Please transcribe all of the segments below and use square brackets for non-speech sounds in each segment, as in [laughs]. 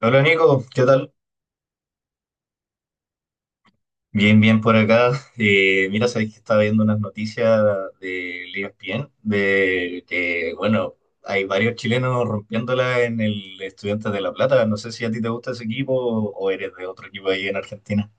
Hola Nico, ¿qué tal? Bien, bien por acá. Mira, sabéis que estaba viendo unas noticias del ESPN, de que, bueno, hay varios chilenos rompiéndola en el Estudiantes de La Plata. No sé si a ti te gusta ese equipo o eres de otro equipo ahí en Argentina.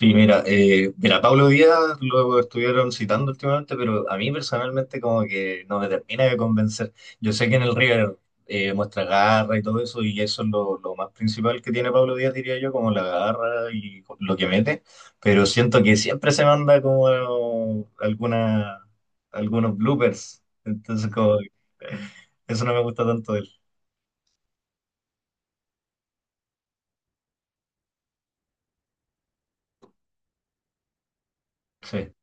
Sí, mira, Pablo Díaz lo estuvieron citando últimamente, pero a mí personalmente como que no me termina de convencer. Yo sé que en el River muestra garra y todo eso, y eso es lo más principal que tiene Pablo Díaz, diría yo, como la garra y lo que mete, pero siento que siempre se manda como alguna, algunos bloopers, entonces como que eso no me gusta tanto de él. Sí,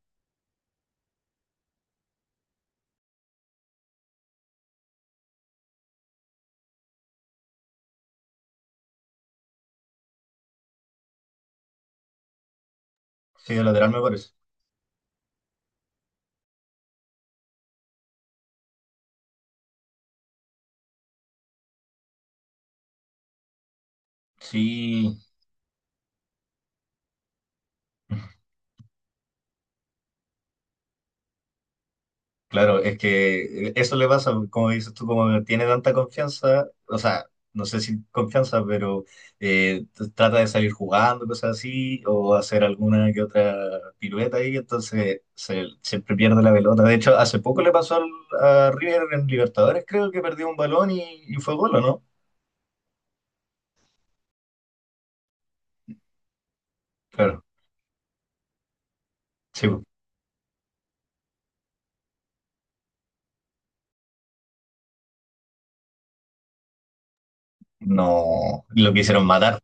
sí, de lateral me parece. Sí. Claro, es que eso le pasa, como dices tú, como no tiene tanta confianza, o sea, no sé si confianza, pero trata de salir jugando, cosas así, o hacer alguna que otra pirueta ahí, entonces se, siempre pierde la pelota. De hecho, hace poco le pasó a River en Libertadores, creo que perdió un balón y fue gol, ¿o no? Claro, sí, po. No, lo quisieron matar.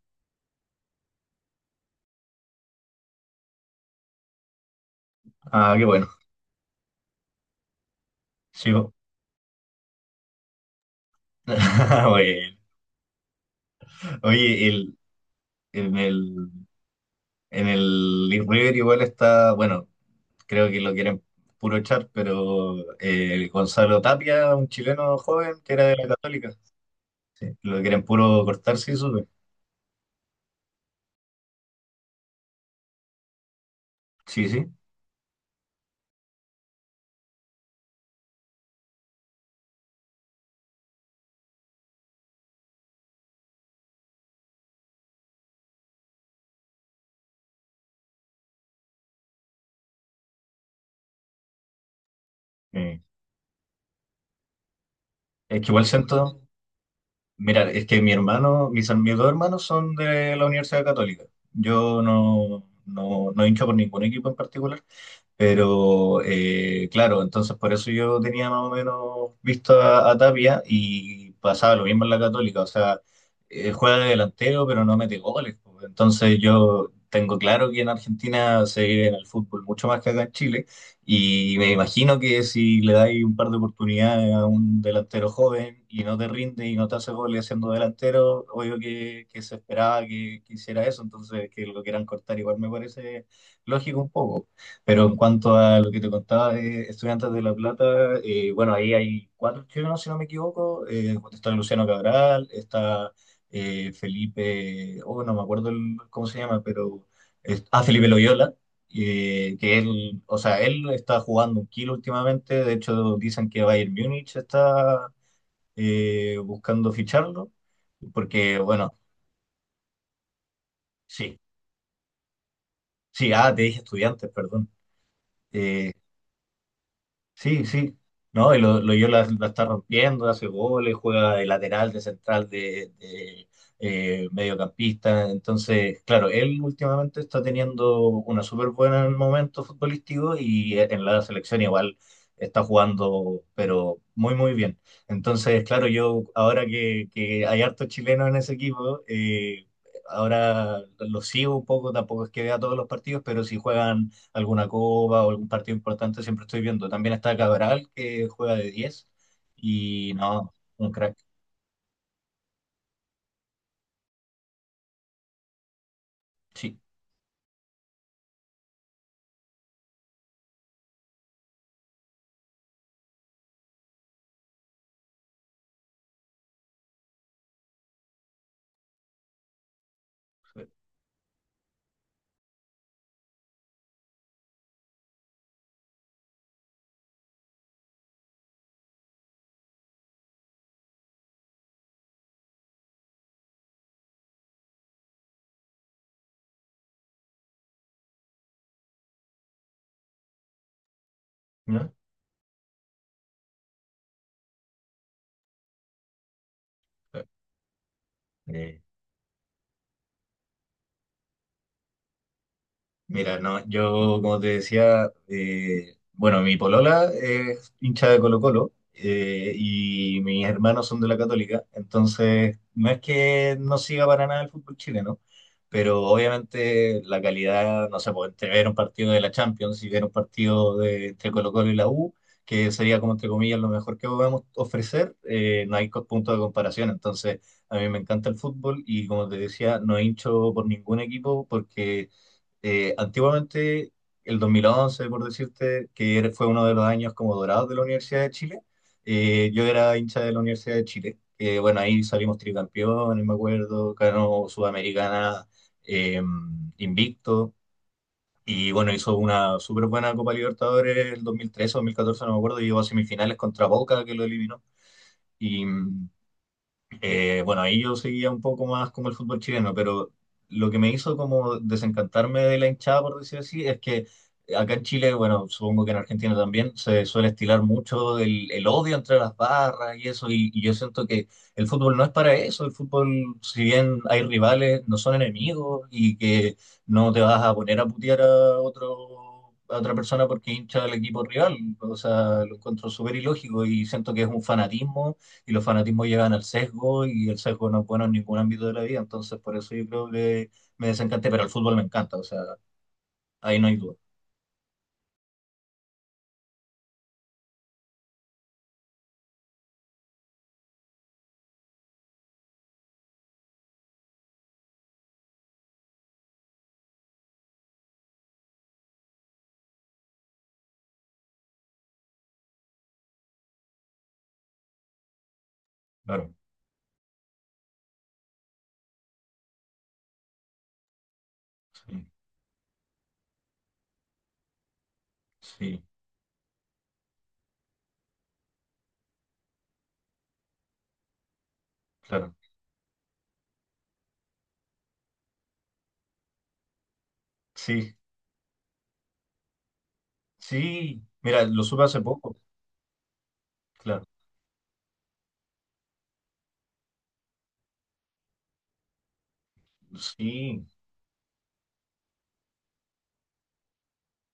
Ah, qué bueno, sí, po. [laughs] Bueno. Oye, el, el- en el Leaf River igual está, bueno, creo que lo quieren puro echar, pero Gonzalo Tapia, un chileno joven que era de la Católica, lo quieren puro cortar, sí, supe. Sí, sí. eh, Es que igual siento, mira, es que mis dos hermanos son de la Universidad Católica. Yo no hincho por ningún equipo en particular, pero claro, entonces por eso yo tenía más o menos visto a Tapia y pasaba lo mismo en la Católica. O sea, juega de delantero, pero no mete goles, po. Entonces yo tengo claro que en Argentina se vive en el fútbol mucho más que acá en Chile. Y me imagino que si le dais un par de oportunidades a un delantero joven y no te rinde y no te hace goles siendo delantero, obvio que se esperaba que hiciera eso. Entonces que lo quieran cortar igual me parece lógico un poco. Pero en cuanto a lo que te contaba de Estudiantes de La Plata, bueno, ahí hay cuatro chilenos, si no me equivoco. Está Luciano Cabral, está Felipe, oh, no me acuerdo cómo se llama, pero Felipe Loyola, que él, o sea, él está jugando un kilo últimamente. De hecho, dicen que Bayern Múnich está buscando ficharlo, porque, bueno, sí, sí, ah, te dije Estudiantes, perdón. Eh, Sí, sí. No, y la está rompiendo, hace goles, juega de lateral, de central, de mediocampista. Entonces, claro, él últimamente está teniendo una súper buena en el momento futbolístico y en la selección igual está jugando, pero muy bien. Entonces, claro, yo ahora que hay hartos chilenos en ese equipo, ahora los sigo un poco, tampoco es que vea todos los partidos, pero si juegan alguna copa o algún partido importante, siempre estoy viendo. También está Cabral, que juega de 10 y no, un crack, sí. ¿No? Sí. Mira, no, yo como te decía, bueno, mi polola es hincha de Colo-Colo y mis hermanos son de la Católica, entonces no es que no siga para nada el fútbol chileno, pero obviamente la calidad, no sé, pues entre ver un partido de la Champions y ver un partido de, entre Colo-Colo y la U, que sería como entre comillas lo mejor que podemos ofrecer, no hay punto de comparación, entonces a mí me encanta el fútbol y como te decía, no hincho por ningún equipo porque antiguamente, el 2011 por decirte, fue uno de los años como dorados de la Universidad de Chile, yo era hincha de la Universidad de Chile. Bueno, ahí salimos tricampeones, me acuerdo, ganó Sudamericana eh, invicto. Y bueno, hizo una súper buena Copa Libertadores el 2013 o 2014 no me acuerdo, y llegó a semifinales contra Boca, que lo eliminó. Y, bueno, ahí yo seguía un poco más como el fútbol chileno, pero lo que me hizo como desencantarme de la hinchada, por decir así, es que acá en Chile, bueno, supongo que en Argentina también, se suele estilar mucho el odio entre las barras y eso, y yo siento que el fútbol no es para eso, el fútbol, si bien hay rivales, no son enemigos y que no te vas a poner a putear a otro a otra persona porque hincha del equipo rival, o sea, lo encuentro súper ilógico y siento que es un fanatismo y los fanatismos llegan al sesgo y el sesgo no es bueno en ningún ámbito de la vida, entonces por eso yo creo que me desencanté, pero el fútbol me encanta, o sea, ahí no hay duda, claro, sí, sí, claro, sí, sí, mira, lo supe hace poco, claro, sí.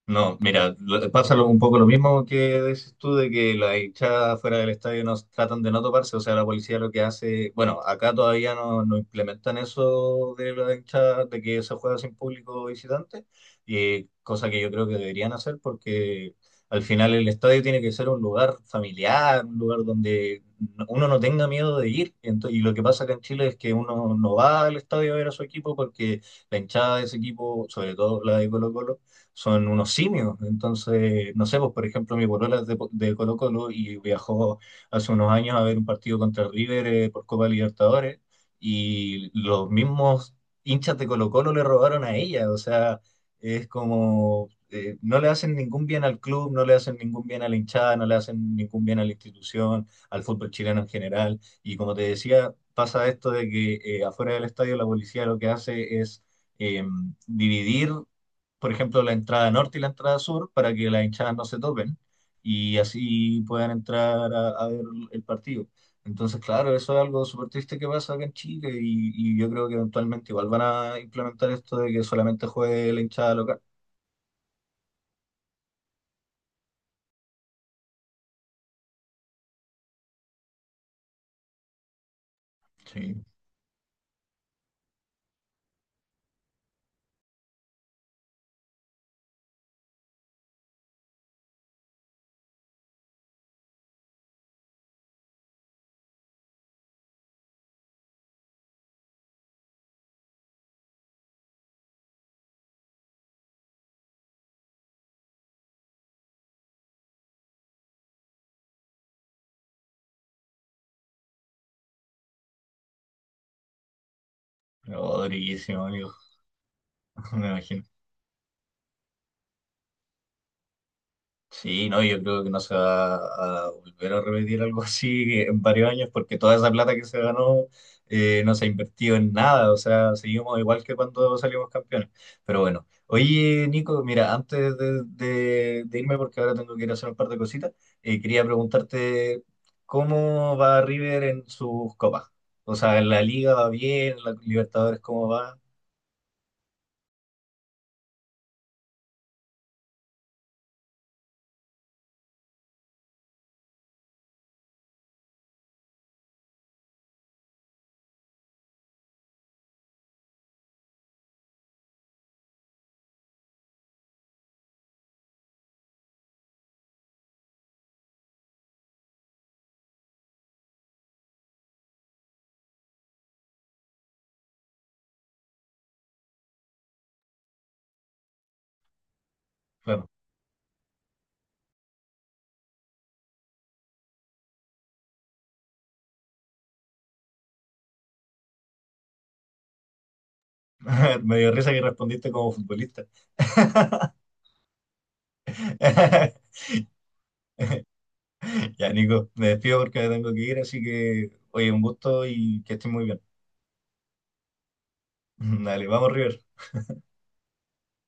No, mira, pasa un poco lo mismo que dices tú de que las hinchadas fuera del estadio nos tratan de no toparse, o sea, la policía lo que hace, bueno, acá todavía no, no implementan eso de la hinchada, de que se juega sin público visitante, y cosa que yo creo que deberían hacer porque al final el estadio tiene que ser un lugar familiar, un lugar donde uno no tenga miedo de ir. Y lo que pasa acá en Chile es que uno no va al estadio a ver a su equipo porque la hinchada de ese equipo, sobre todo la de Colo-Colo, son unos simios. Entonces, no sé, pues por ejemplo, mi polola es de Colo-Colo y viajó hace unos años a ver un partido contra el River por Copa Libertadores y los mismos hinchas de Colo-Colo le robaron a ella. O sea, es como no le hacen ningún bien al club, no le hacen ningún bien a la hinchada, no le hacen ningún bien a la institución, al fútbol chileno en general. Y como te decía, pasa esto de que afuera del estadio la policía lo que hace es eh, dividir por ejemplo, la entrada norte y la entrada sur para que las hinchadas no se topen y así puedan entrar a ver el partido. Entonces, claro, eso es algo súper triste que pasa acá en Chile y yo creo que eventualmente igual van a implementar esto de que solamente juegue la hinchada local. Sí, pero durísimo, amigo, [laughs] me imagino. Sí, no, yo creo que no se va a volver a repetir algo así en varios años porque toda esa plata que se ganó no se ha invertido en nada, o sea, seguimos igual que cuando salimos campeones. Pero bueno, oye Nico, mira, antes de, de irme porque ahora tengo que ir a hacer un par de cositas, quería preguntarte cómo va River en sus copas. O sea, en la Liga va bien, en la Libertadores cómo va. Bueno, [laughs] me dio risa que respondiste como futbolista. [laughs] Ya, Nico, me despido porque me tengo que ir, así que, oye, un gusto y que estés muy bien. [laughs] Dale, vamos, River.